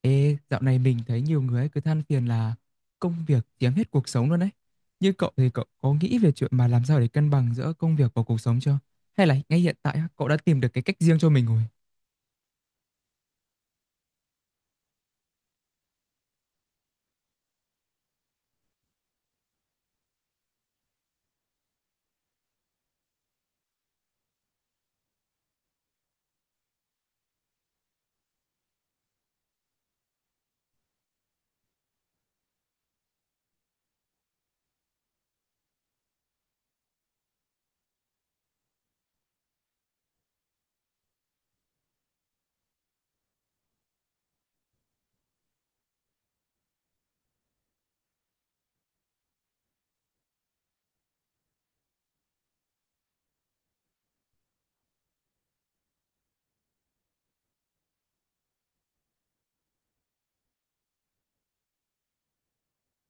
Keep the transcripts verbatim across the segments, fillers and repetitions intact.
Ê, dạo này mình thấy nhiều người ấy cứ than phiền là công việc chiếm hết cuộc sống luôn đấy. Như cậu thì cậu có nghĩ về chuyện mà làm sao để cân bằng giữa công việc và cuộc sống chưa? Hay là ngay hiện tại á, cậu đã tìm được cái cách riêng cho mình rồi?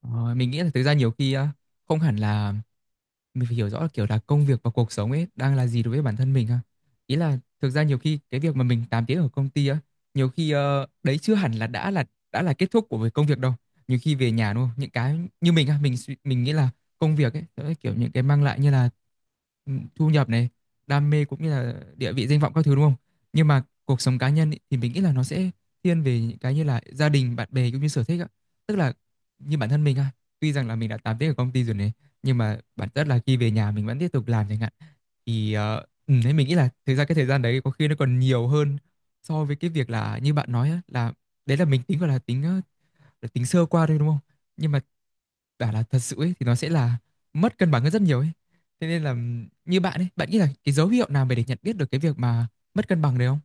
Ờ, mình nghĩ là thực ra nhiều khi á, không hẳn là mình phải hiểu rõ kiểu là công việc và cuộc sống ấy đang là gì đối với bản thân mình ha. Ý là thực ra nhiều khi cái việc mà mình tám tiếng ở công ty á, nhiều khi ờ, đấy chưa hẳn là đã là đã là kết thúc của việc công việc đâu. Nhiều khi về nhà đúng không? Những cái như mình á, mình suy- mình nghĩ là công việc ấy đó là kiểu những cái mang lại như là ừ, thu nhập này, đam mê cũng như là địa vị danh vọng các thứ đúng không? Nhưng mà cuộc sống cá nhân ý, thì mình nghĩ là nó sẽ thiên về những cái như là gia đình, bạn bè cũng như sở thích á. Tức là như bản thân mình á, tuy rằng là mình đã tám tiếng ở công ty rồi này, nhưng mà bản chất là khi về nhà mình vẫn tiếp tục làm chẳng hạn. Thì ờ, ừ, thế mình nghĩ là thực ra cái thời gian đấy có khi nó còn nhiều hơn so với cái việc là như bạn nói á, là đấy là mình tính, gọi là tính ờ, là tính sơ qua thôi đúng không, nhưng mà bảo là thật sự ấy, thì nó sẽ là mất cân bằng hơn rất nhiều ấy. Thế nên là ừm, như bạn ấy bạn nghĩ là cái dấu hiệu nào mà để nhận biết được cái việc mà mất cân bằng đấy không?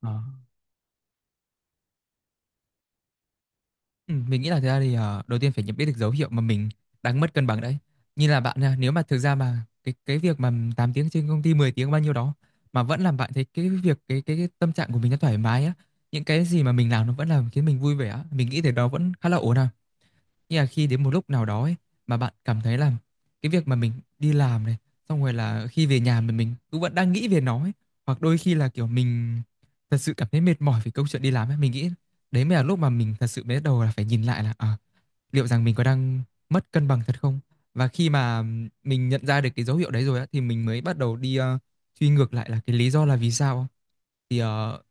Ờ. Ừ, mình nghĩ là thực ra thì ờ, đầu tiên phải nhận biết được dấu hiệu mà mình đang mất cân bằng đấy. Như là bạn nha, nếu mà thực ra mà cái cái việc mà tám tiếng trên công ty mười tiếng bao nhiêu đó mà vẫn làm bạn thấy cái việc cái cái, cái tâm trạng của mình nó thoải mái á, những cái gì mà mình làm nó vẫn làm khiến mình vui vẻ á, mình nghĩ thì đó vẫn khá là ổn à. Nhưng mà khi đến một lúc nào đó ấy, mà bạn cảm thấy là cái việc mà mình đi làm này, xong rồi là khi về nhà mình mình cũng vẫn đang nghĩ về nó ấy. Hoặc đôi khi là kiểu mình thật sự cảm thấy mệt mỏi vì câu chuyện đi làm ấy. Mình nghĩ đấy mới là lúc mà mình thật sự bắt đầu là phải nhìn lại là à, liệu rằng mình có đang mất cân bằng thật không? Và khi mà mình nhận ra được cái dấu hiệu đấy rồi á, thì mình mới bắt đầu đi ờ, truy ngược lại là cái lý do là vì sao. Thì ờ,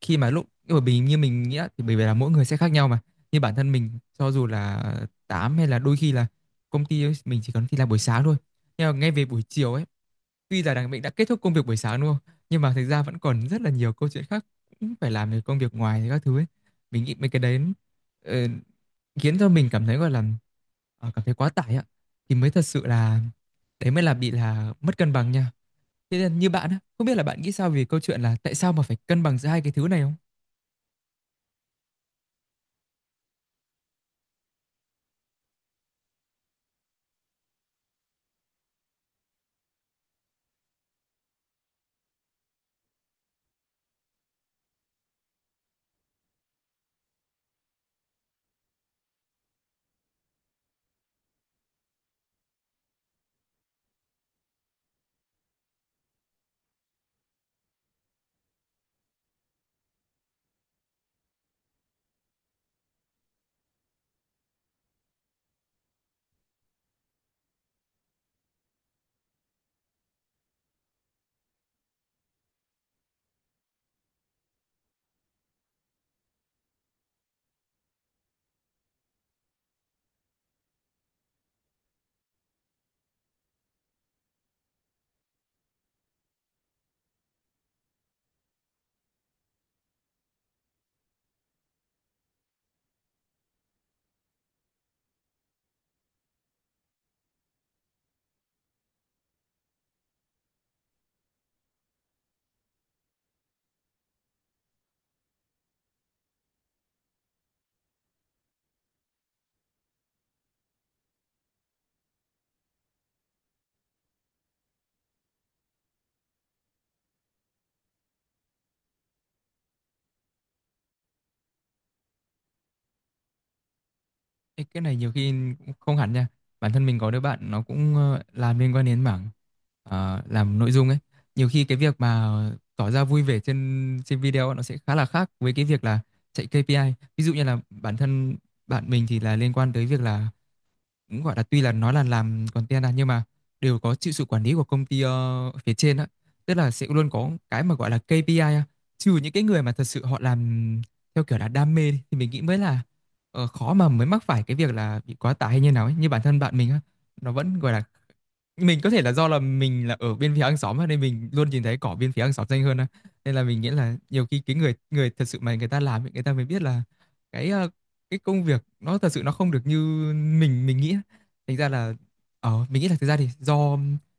khi mà lúc bởi vì như mình nghĩ á, thì bởi vì là mỗi người sẽ khác nhau mà. Như bản thân mình cho dù là tám hay là đôi khi là công ty ấy, mình chỉ cần đi làm buổi sáng thôi, nhưng mà ngay về buổi chiều ấy, tuy là đằng mình đã kết thúc công việc buổi sáng đúng không, nhưng mà thực ra vẫn còn rất là nhiều câu chuyện khác cũng phải làm về công việc ngoài các thứ ấy. Mình nghĩ mấy cái đấy ờ, khiến cho mình cảm thấy gọi là ờ, cảm thấy quá tải ạ, thì mới thật sự là đấy mới là bị là mất cân bằng nha. Thế nên như bạn á, không biết là bạn nghĩ sao về câu chuyện là tại sao mà phải cân bằng giữa hai cái thứ này không? Ê, cái này nhiều khi cũng không hẳn nha. Bản thân mình có đứa bạn nó cũng ờ, làm liên quan đến mảng ờ, làm nội dung ấy. Nhiều khi cái việc mà tỏ ra vui vẻ trên trên video nó sẽ khá là khác với cái việc là chạy kây pi ai. Ví dụ như là bản thân bạn mình thì là liên quan tới việc là cũng gọi là tuy là nói là làm content à, nhưng mà đều có chịu sự quản lý của công ty ờ, phía trên á, tức là sẽ luôn có cái mà gọi là kây pi ai á, trừ những cái người mà thật sự họ làm theo kiểu là đam mê thì mình nghĩ mới là ờ, khó mà mới mắc phải cái việc là bị quá tải hay như nào ấy. Như bản thân bạn mình á, nó vẫn gọi là mình có thể là do là mình là ở bên phía hàng xóm nên mình luôn nhìn thấy cỏ bên phía hàng xóm xanh hơn á. Nên là mình nghĩ là nhiều khi cái người người thật sự mà người ta làm ấy, người ta mới biết là cái ờ, cái công việc nó thật sự nó không được như mình mình nghĩ. Á. Thành ra là ờ mình nghĩ là thực ra thì do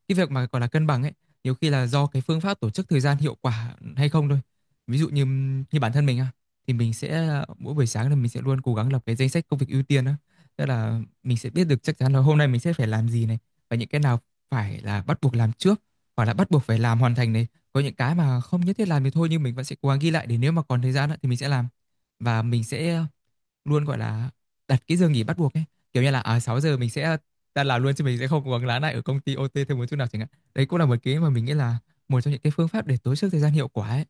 cái việc mà gọi là cân bằng ấy, nhiều khi là do cái phương pháp tổ chức thời gian hiệu quả hay không thôi. Ví dụ như như bản thân mình á, thì mình sẽ ờ, mỗi buổi sáng là mình sẽ luôn cố gắng lập cái danh sách công việc ưu tiên á. Tức là mình sẽ biết được chắc chắn là hôm nay mình sẽ phải làm gì này, và những cái nào phải là bắt buộc làm trước hoặc là bắt buộc phải làm hoàn thành này, có những cái mà không nhất thiết làm thì thôi nhưng mình vẫn sẽ cố gắng ghi lại để nếu mà còn thời gian á, thì mình sẽ làm. Và mình sẽ luôn gọi là đặt cái giờ nghỉ bắt buộc ấy, kiểu như là à sáu giờ mình sẽ ta làm luôn chứ mình sẽ không cố gắng lái lại ở công ty ô tê thêm một chút nào chẳng hạn. Đấy cũng là một cái mà mình nghĩ là một trong những cái phương pháp để tối ưu thời gian hiệu quả ấy.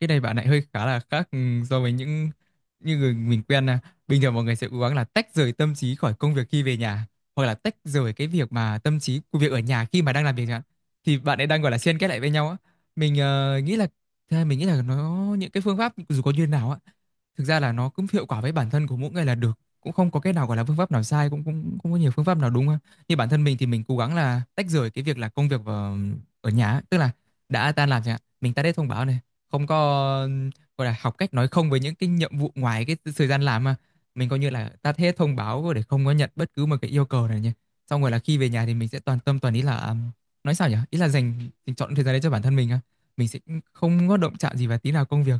Cái này bạn lại hơi khá là khác ừ, so với những như người mình quen nè. Bình thường mọi người sẽ cố gắng là tách rời tâm trí khỏi công việc khi về nhà, hoặc là tách rời cái việc mà tâm trí của việc ở nhà khi mà đang làm việc chẳng hạn. Thì bạn ấy đang gọi là xen kết lại với nhau á. Mình ờ, nghĩ là thế mình nghĩ là nó những cái phương pháp dù có như thế nào á, thực ra là nó cũng hiệu quả với bản thân của mỗi người là được. Cũng không có cái nào gọi là phương pháp nào sai cũng cũng cũng có nhiều phương pháp nào đúng ha. Như bản thân mình thì mình cố gắng là tách rời cái việc là công việc ở, ở nhà, á. Tức là đã tan làm chẳng hạn, mình tắt hết thông báo này, không có gọi là học cách nói không với những cái nhiệm vụ ngoài cái thời gian làm mà mình coi như là tắt hết thông báo để không có nhận bất cứ một cái yêu cầu nào nhé. Xong rồi là khi về nhà thì mình sẽ toàn tâm toàn ý là um, nói sao nhỉ, ý là dành dành chọn thời gian đấy cho bản thân mình á, mình sẽ không có động chạm gì vào tí nào công việc.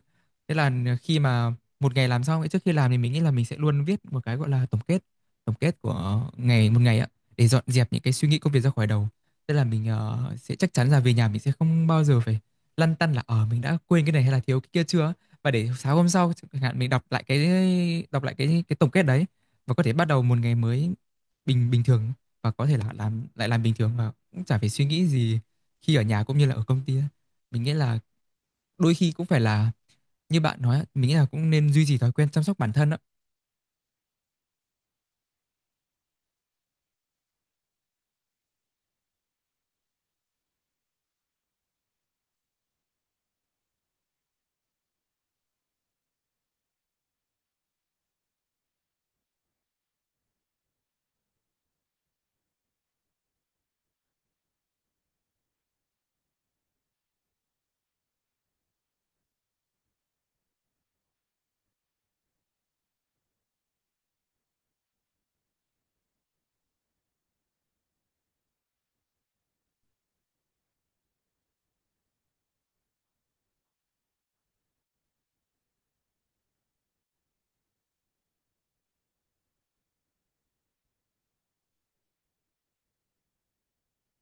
Thế là khi mà một ngày làm xong ấy, trước khi làm thì mình nghĩ là mình sẽ luôn viết một cái gọi là tổng kết, tổng kết của ngày một ngày á, để dọn dẹp những cái suy nghĩ công việc ra khỏi đầu. Tức là mình ờ, sẽ chắc chắn là về nhà mình sẽ không bao giờ phải lăn tăn là ờ mình đã quên cái này hay là thiếu cái kia chưa. Và để sáng hôm sau chẳng hạn mình đọc lại cái đọc lại cái cái tổng kết đấy và có thể bắt đầu một ngày mới bình bình thường và có thể là làm lại làm bình thường và cũng chả phải suy nghĩ gì khi ở nhà cũng như là ở công ty. Mình nghĩ là đôi khi cũng phải là như bạn nói, mình nghĩ là cũng nên duy trì thói quen chăm sóc bản thân đó.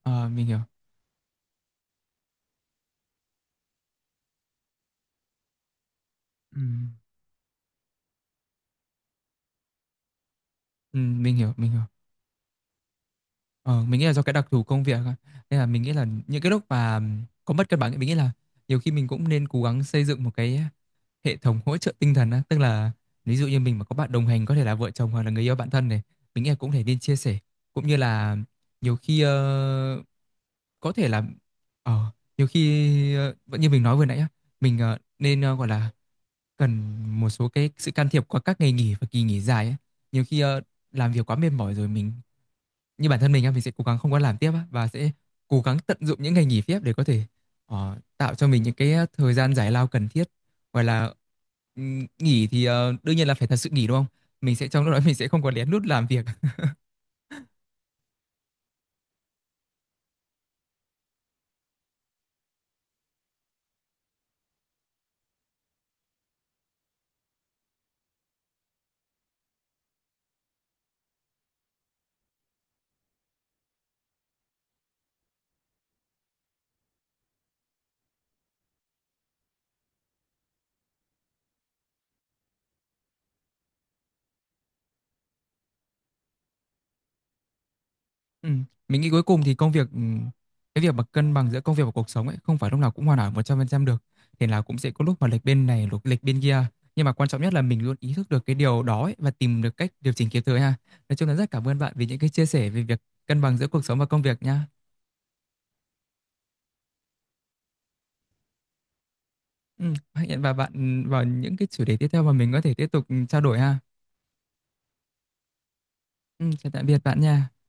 Ờ, mình hiểu. Ừ. Ừ, mình hiểu mình hiểu ờ, mình nghĩ là do cái đặc thù công việc á. Nên là mình nghĩ là những cái lúc mà có mất cân bằng ấy, mình nghĩ là nhiều khi mình cũng nên cố gắng xây dựng một cái hệ thống hỗ trợ tinh thần á, tức là ví dụ như mình mà có bạn đồng hành có thể là vợ chồng hoặc là người yêu bạn thân này, mình nghĩ là cũng thể nên chia sẻ, cũng như là nhiều khi ờ, có thể là ờ, nhiều khi ờ, vẫn như mình nói vừa nãy á, mình ờ, nên ờ, gọi là cần một số cái sự can thiệp qua các ngày nghỉ và kỳ nghỉ dài ấy. Nhiều khi ờ, làm việc quá mệt mỏi rồi mình, như bản thân mình á, mình sẽ cố gắng không có làm tiếp và sẽ cố gắng tận dụng những ngày nghỉ phép để có thể ờ, tạo cho mình những cái ờ, thời gian giải lao cần thiết. Hoặc là nghỉ thì ờ, đương nhiên là phải thật sự nghỉ đúng không, mình sẽ trong lúc đó mình sẽ không có lén lút làm việc. Ừ. Mình nghĩ cuối cùng thì công việc, cái việc mà cân bằng giữa công việc và cuộc sống ấy không phải lúc nào cũng hoàn hảo một trăm phần trăm được, thì là cũng sẽ có lúc mà lệch bên này lúc lệch bên kia, nhưng mà quan trọng nhất là mình luôn ý thức được cái điều đó ấy, và tìm được cách điều chỉnh kịp thời ha. Nói chung là rất cảm ơn bạn vì những cái chia sẻ về việc cân bằng giữa cuộc sống và công việc nha. Ừm, hẹn và bạn vào những cái chủ đề tiếp theo mà mình có thể tiếp tục trao đổi ha. Ừm, chào tạm biệt bạn nha.